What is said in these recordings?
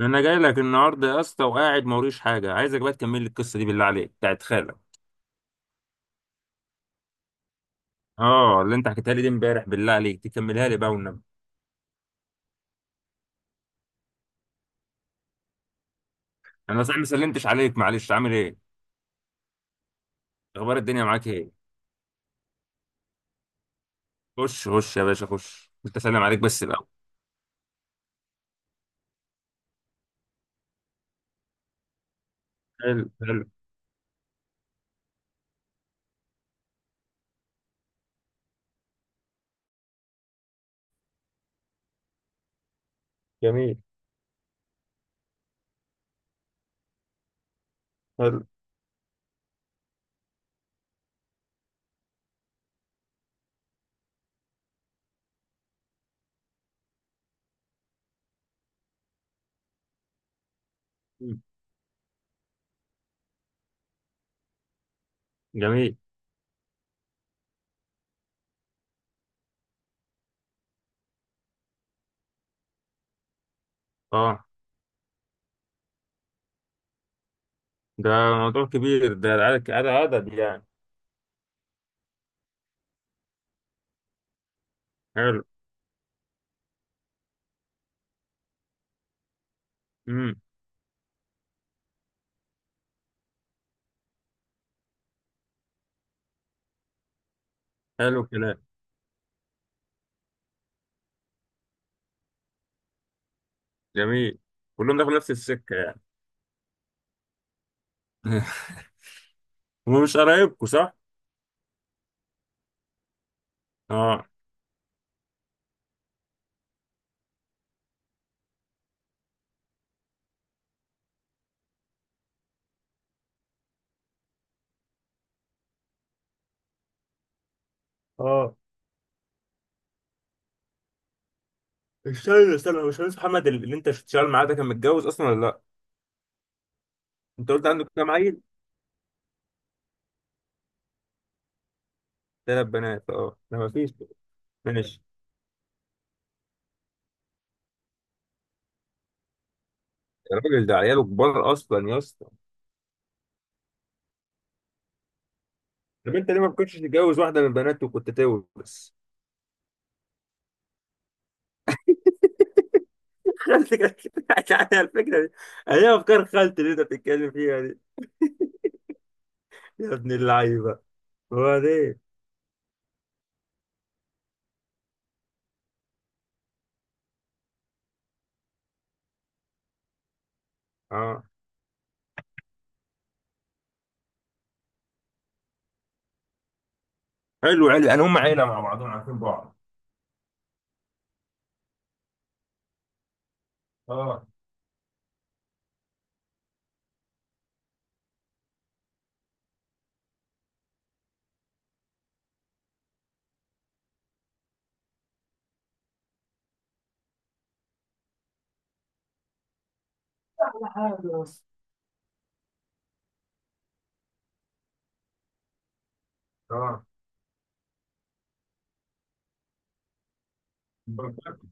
انا جاي لك النهارده يا اسطى وقاعد موريش حاجه، عايزك بقى تكمل لي القصه دي بالله عليك، بتاعت خالك، اه، اللي انت حكيتها لي دي امبارح، بالله عليك تكملها لي بقى والنبي. انا صحيح ما سلمتش عليك، معلش. عامل ايه؟ اخبار الدنيا معاك ايه؟ خش خش يا باشا، خش، انت سلم عليك بس الاول. حلو حلو. جميل. حلو. مم. جميل. اه. ده موضوع كبير، ده عدد يعني. حلو. امم حلو الكلام. جميل. كلهم داخل نفس السكه يعني. ومش قرايبكم صح؟ اه. استنى استنى، هو باشمهندس محمد اللي انت شغال معاه ده كان متجوز اصلا ولا لا؟ انت قلت عنده كام عيل؟ ثلاث بنات، اه، لا ما فيش. ماشي. الراجل ده عياله كبار اصلا يا اسطى. طب انت ليه ما كنتش تتجوز واحده من بناته وكنت تورث؟ خالتي كانت يعني الفكره دي. هي افكار خالتي اللي انت بتتكلم فيها دي، يا ابن اللعيبه. هو ده. اه. حلو حلو، يعني هم عيله مع بعضهم، عارفين بعض. اه. كل حاجة يا اسطى. اه، بالظبط.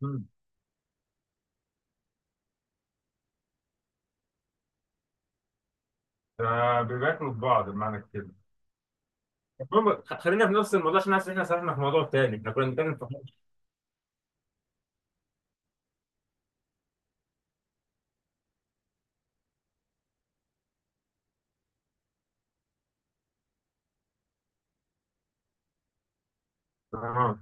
مم. آه، بياكلوا في بعض بمعنى كده. المهم خلينا في نفس الموضوع عشان حاسس ان احنا سرحنا في موضوع تاني، احنا كنا بنتكلم في، اه.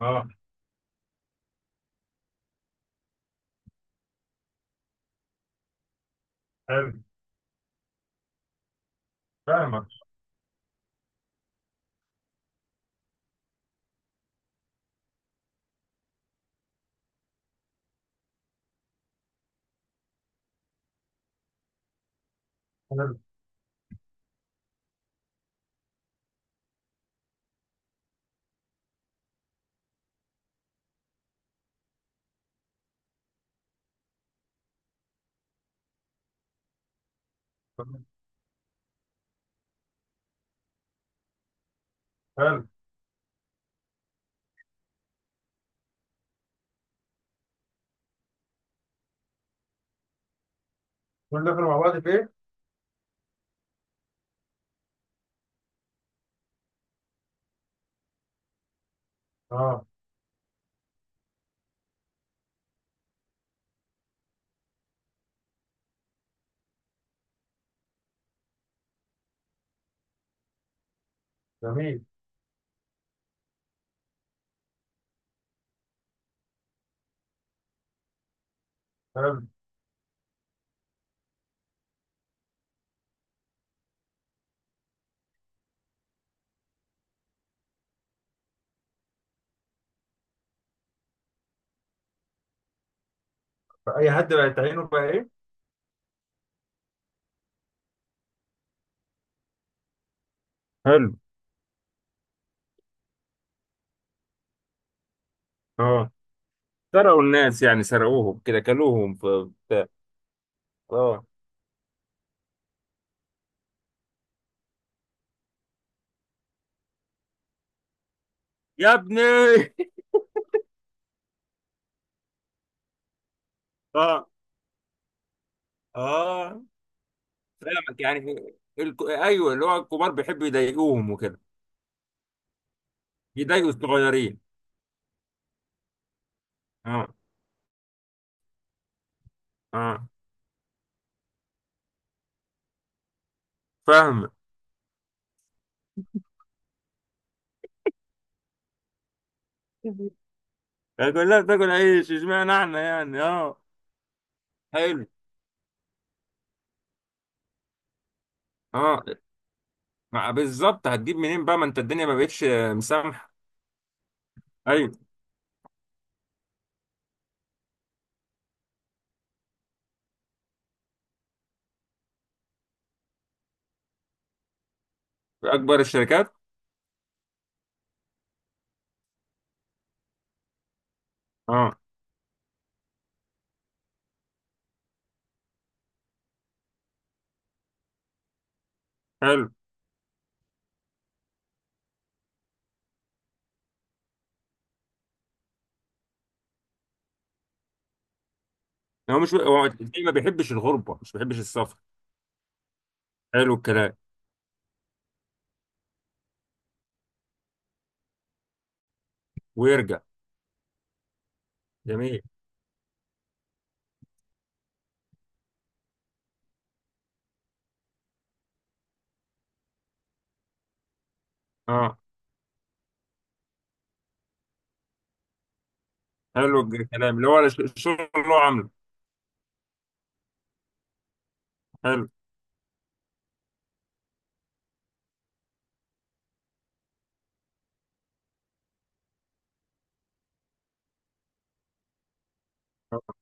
اه. حلو. فاهمك. حلو حلو. كل ده كنا مع بعض في ايه؟ اه. جميل. حلو. فأي حد بقت عينه بقى ايه؟ حلو. اه، سرقوا الناس يعني، سرقوهم كده، كلوهم في بتاع. اه. يا ابني. اه. اه. فاهمك يعني. في الك... ايوه، اللي هو الكبار بيحبوا يضايقوهم وكده، يضايقوا الصغيرين. اه. اه. فاهمك. كلها بتاكل عيش، اشمعنى احنا يعني؟ اه. حلو. اه. مع- بالظبط، هتجيب منين بقى؟ ما انت الدنيا ما بقتش مسامحه. ايوه. اكبر الشركات. اه. حلو. هو مش هو الدنيا ما بيحبش الغربه، مش بيحبش السفر. حلو الكلام. ويرجع. جميل. اه. حلو الكلام، اللي هو الشغل اللي هو عامله. حلو. آه.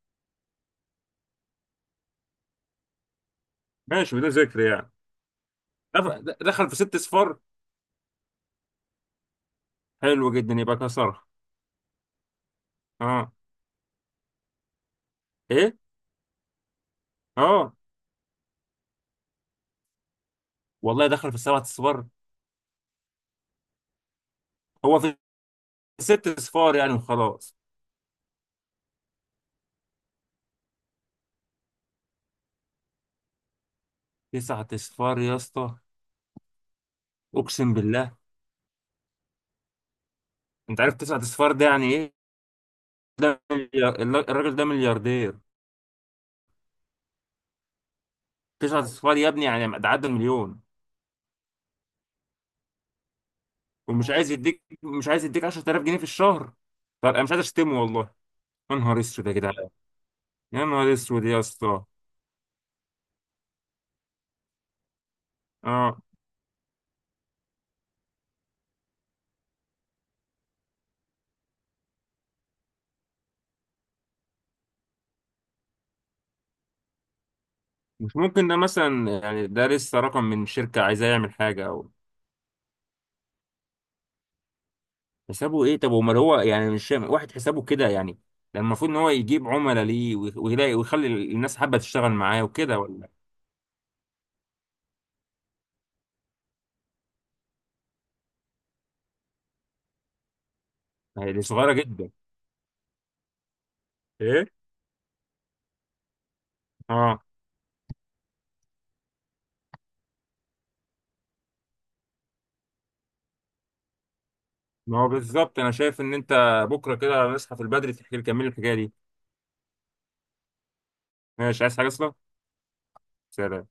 ماشي بدون ذكر يعني. دخل في ست صفار. حلو جدا، يبقى كسرها. اه. ايه. اه، والله دخل في سبعة صفار. هو في ست صفار يعني وخلاص. تسعة اصفار يا اسطى، اقسم بالله. انت عارف تسعة اصفار ده يعني ايه؟ ده مليار. الراجل ده ملياردير. تسعة اصفار يا ابني، يعني ده عدى المليون. ومش عايز يديك، مش عايز يديك 10,000 جنيه في الشهر. فابقى مش عايز اشتمه والله. يا نهار اسود يا جدعان. يا نهار اسود يا اسطى. اه. مش ممكن. ده مثلا يعني ده لسه رقم من شركة عايزاه يعمل حاجة، او حسابه ايه؟ طب امال، هو يعني مش واحد حسابه كده يعني؟ ده المفرويد ان هو يجيب عملاء ليه، ويلاقي ويخلي الناس حابة تشتغل معاه وكده، ولا؟ ما هي دي صغيرة جدا. ايه. اه. ما هو بالظبط، انا شايف ان انت بكرة كده نصحى في البدري تحكي لي، كمل الحكاية دي. ماشي. عايز حاجة اصلا؟ سلام.